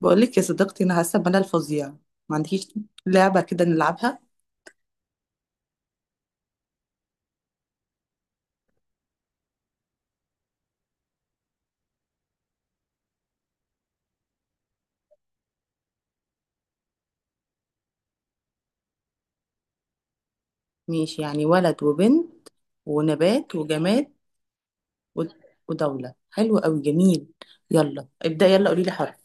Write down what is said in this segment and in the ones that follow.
بقول لك يا صديقتي، انا حاسه بملل فظيع. ما عندكيش لعبه كده نلعبها؟ ماشي، يعني ولد وبنت ونبات وجماد و- ودوله. حلو قوي، جميل. يلا ابدا، يلا قولي لي حرف.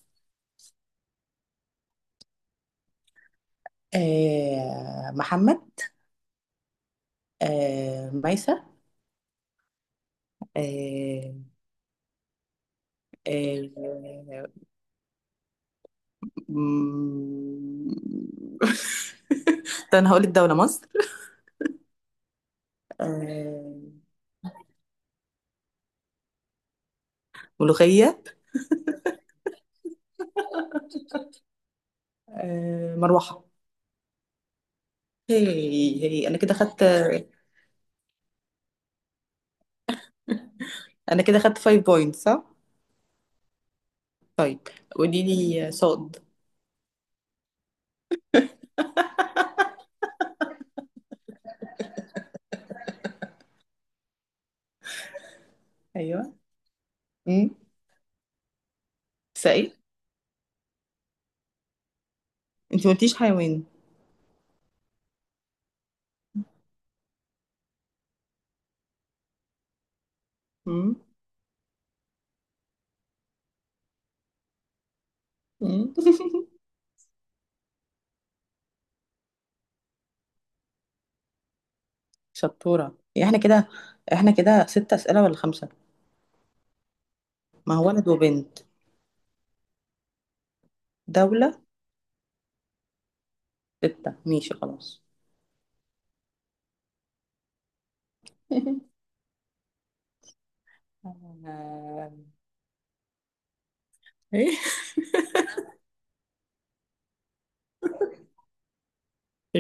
آه، محمد. آه، ميسة. آه. آه. مم. طب انا هقول الدوله مصر. آه، ملوخيه. آه، مروحه. هي. هي، انا كده خدت 5 بوينتس صح؟ طيب قولي لي صاد. ايوه. امم سائل. انت ما قلتيش حيوان. امم امم شطورة، يعني احنا كده ست أسئلة ولا خمسة؟ ما هو ولد وبنت. دولة. ستة، ماشي خلاص. آه، إيه؟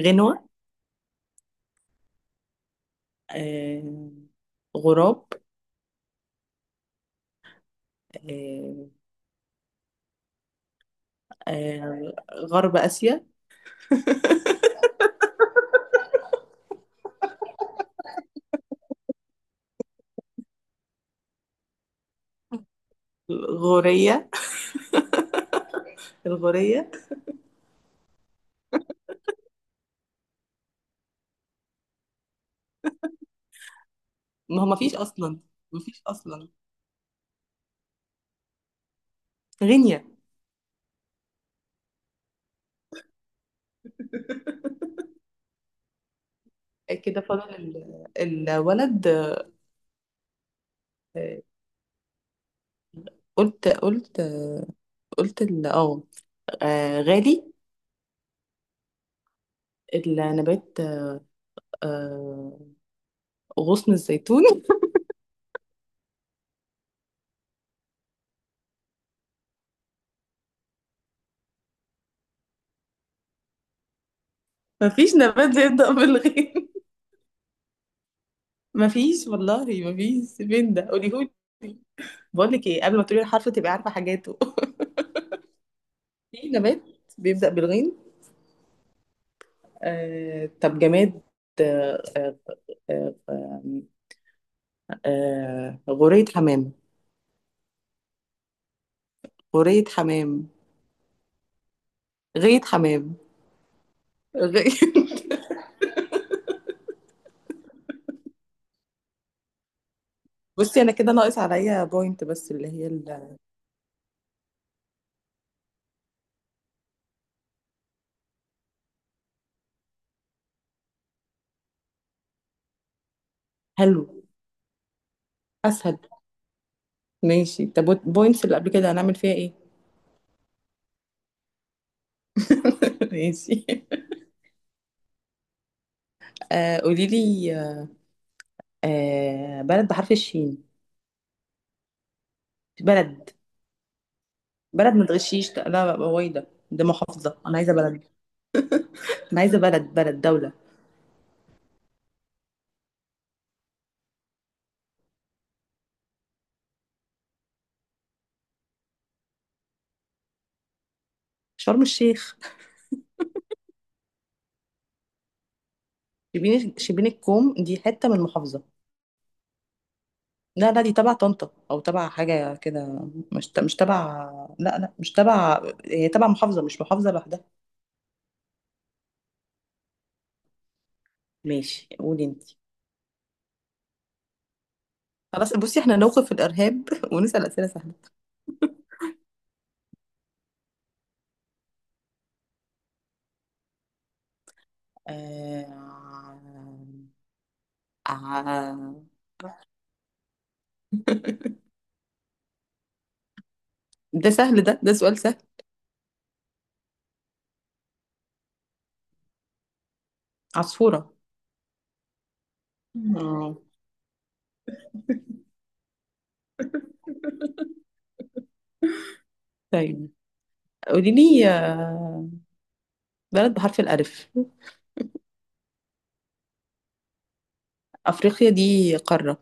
غنوة. آه... غراب. آه... غرب آسيا. غورية. الغورية. ما هو ما فيش أصلا. ما فيش أصلا. غينيا. آه، كده فضل الولد. آه، قلت قلت قلت غالي. النبات. آه، غصن الزيتون. مفيش نبات بيبدأ بالغين. مفيش، والله مفيش. فين ده؟ قوليهولي. بقول لك ايه، قبل ما تقولي الحرف تبقي عارفه حاجاته. في نبات بيبدأ بالغين. آه، طب جماد. آه، آه، غورية حمام. غورية حمام. غية حمام. غي... بصي انا كده ناقص عليا بوينت، بس اللي هي حلو. اسهل. ماشي، طب البوينتس اللي قبل كده هنعمل فيها ايه؟ ماشي. قولي لي، بلد بحرف الشين. بلد. بلد ما تغشيش، لا، هو إيه ده؟ ده محافظة، انا عايزة بلد. انا عايزة بلد، بلد، دولة. شرم الشيخ. شبين الكوم دي حتة من المحافظة. لا لا، دي تبع طنطا او تبع حاجة كده، مش مش تبع. لا لا، مش تبع، هي تبع محافظة، مش محافظة لوحدها. ماشي، قولي انت. خلاص بصي، احنا نوقف الارهاب ونسأل اسئلة سهلة. آه... آه... ده سهل. ده سؤال سهل. عصفورة. آه. طيب قولي لي، آه، بلد بحرف الألف. أفريقيا دي قارة.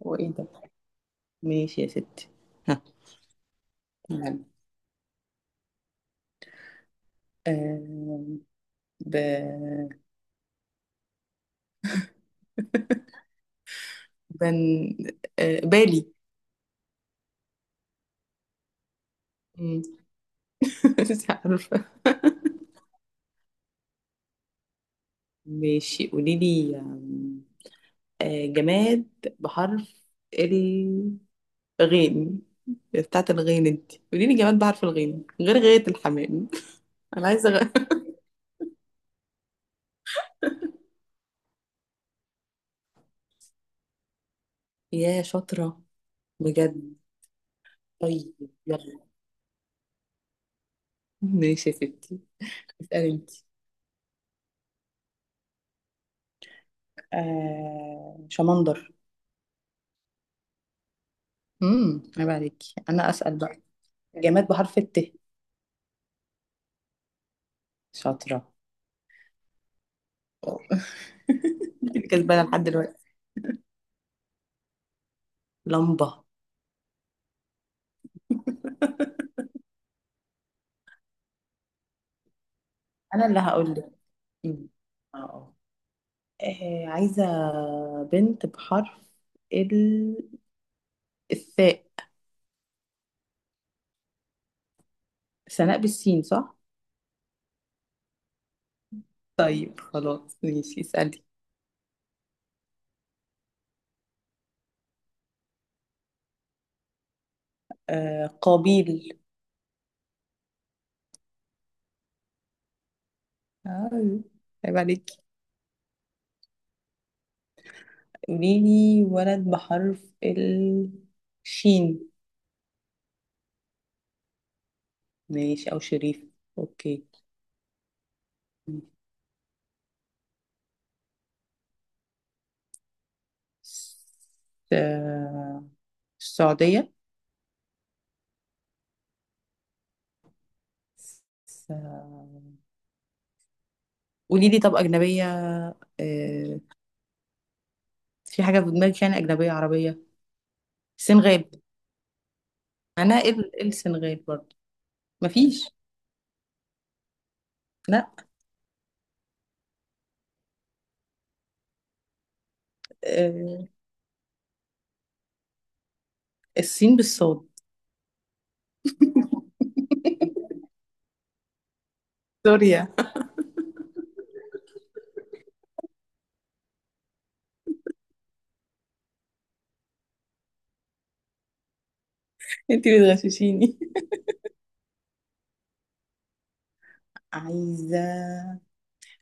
وإيه ده؟ ماشي يا ستي. ها. تمام. آه، ب... بن... بالي. مم. مش عارفة. ماشي قولي لي، آم، آه، جماد بحرف غين. بتاعة الغين انت قولي لي جماد بعرف الغين غير غاية الحمام. انا عايزة يا شاطرة، بجد. طيب يلا. ماشي يا ستي. اسألي انت. آه، شمندر. عيب عليك. انا اسأل بقى. جماد بحرف الت. شاطرة. انت كسبانة لحد دلوقتي. لمبة. انا اللي هقول لك. أمم. اه آه، عايزة بنت بحرف ال... الثاء. سناء بالسين صح؟ طيب خلاص، ماشي اسألي. آه، قابيل. آه، عيب عليك. قوليلي ولد بحرف الشين. ماشي، أو شريف. أوكي. س- آه السعودية. س- قوليلي طب أجنبية. آه، في حاجة في دماغك يعني؟ أجنبية عربية؟ سنغال. أنا إيه إيه السنغال برضه؟ مفيش. لا. آه، الصين بالصاد. سوريا. انتي بتغششيني. عايزة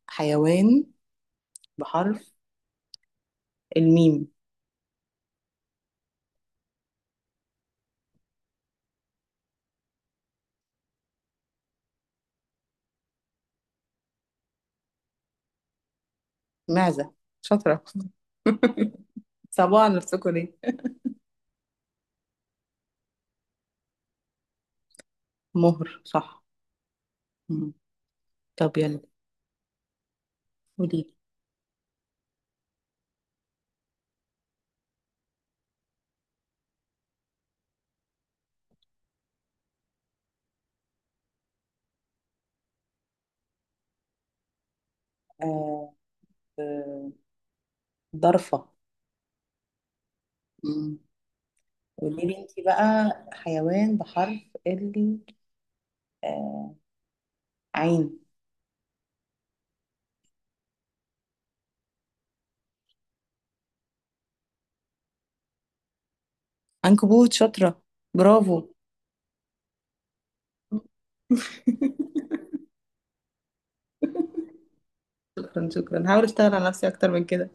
حيوان بحرف الميم. معزة. شاطرة. صعبة على نفسكوا ليه؟ مهر صح. مم. طب يلا. قولي لي. آه آه، ضرفة. مم. قولي لي انت بقى حيوان بحرف ال آه عين. عنكبوت. شاطرة. برافو. شكرا، شكرا. هحاول اشتغل على نفسي اكتر من كده.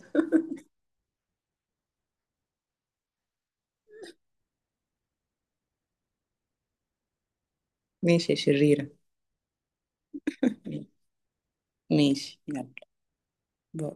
ماشي يا شريرة. ماشي، يلا باي.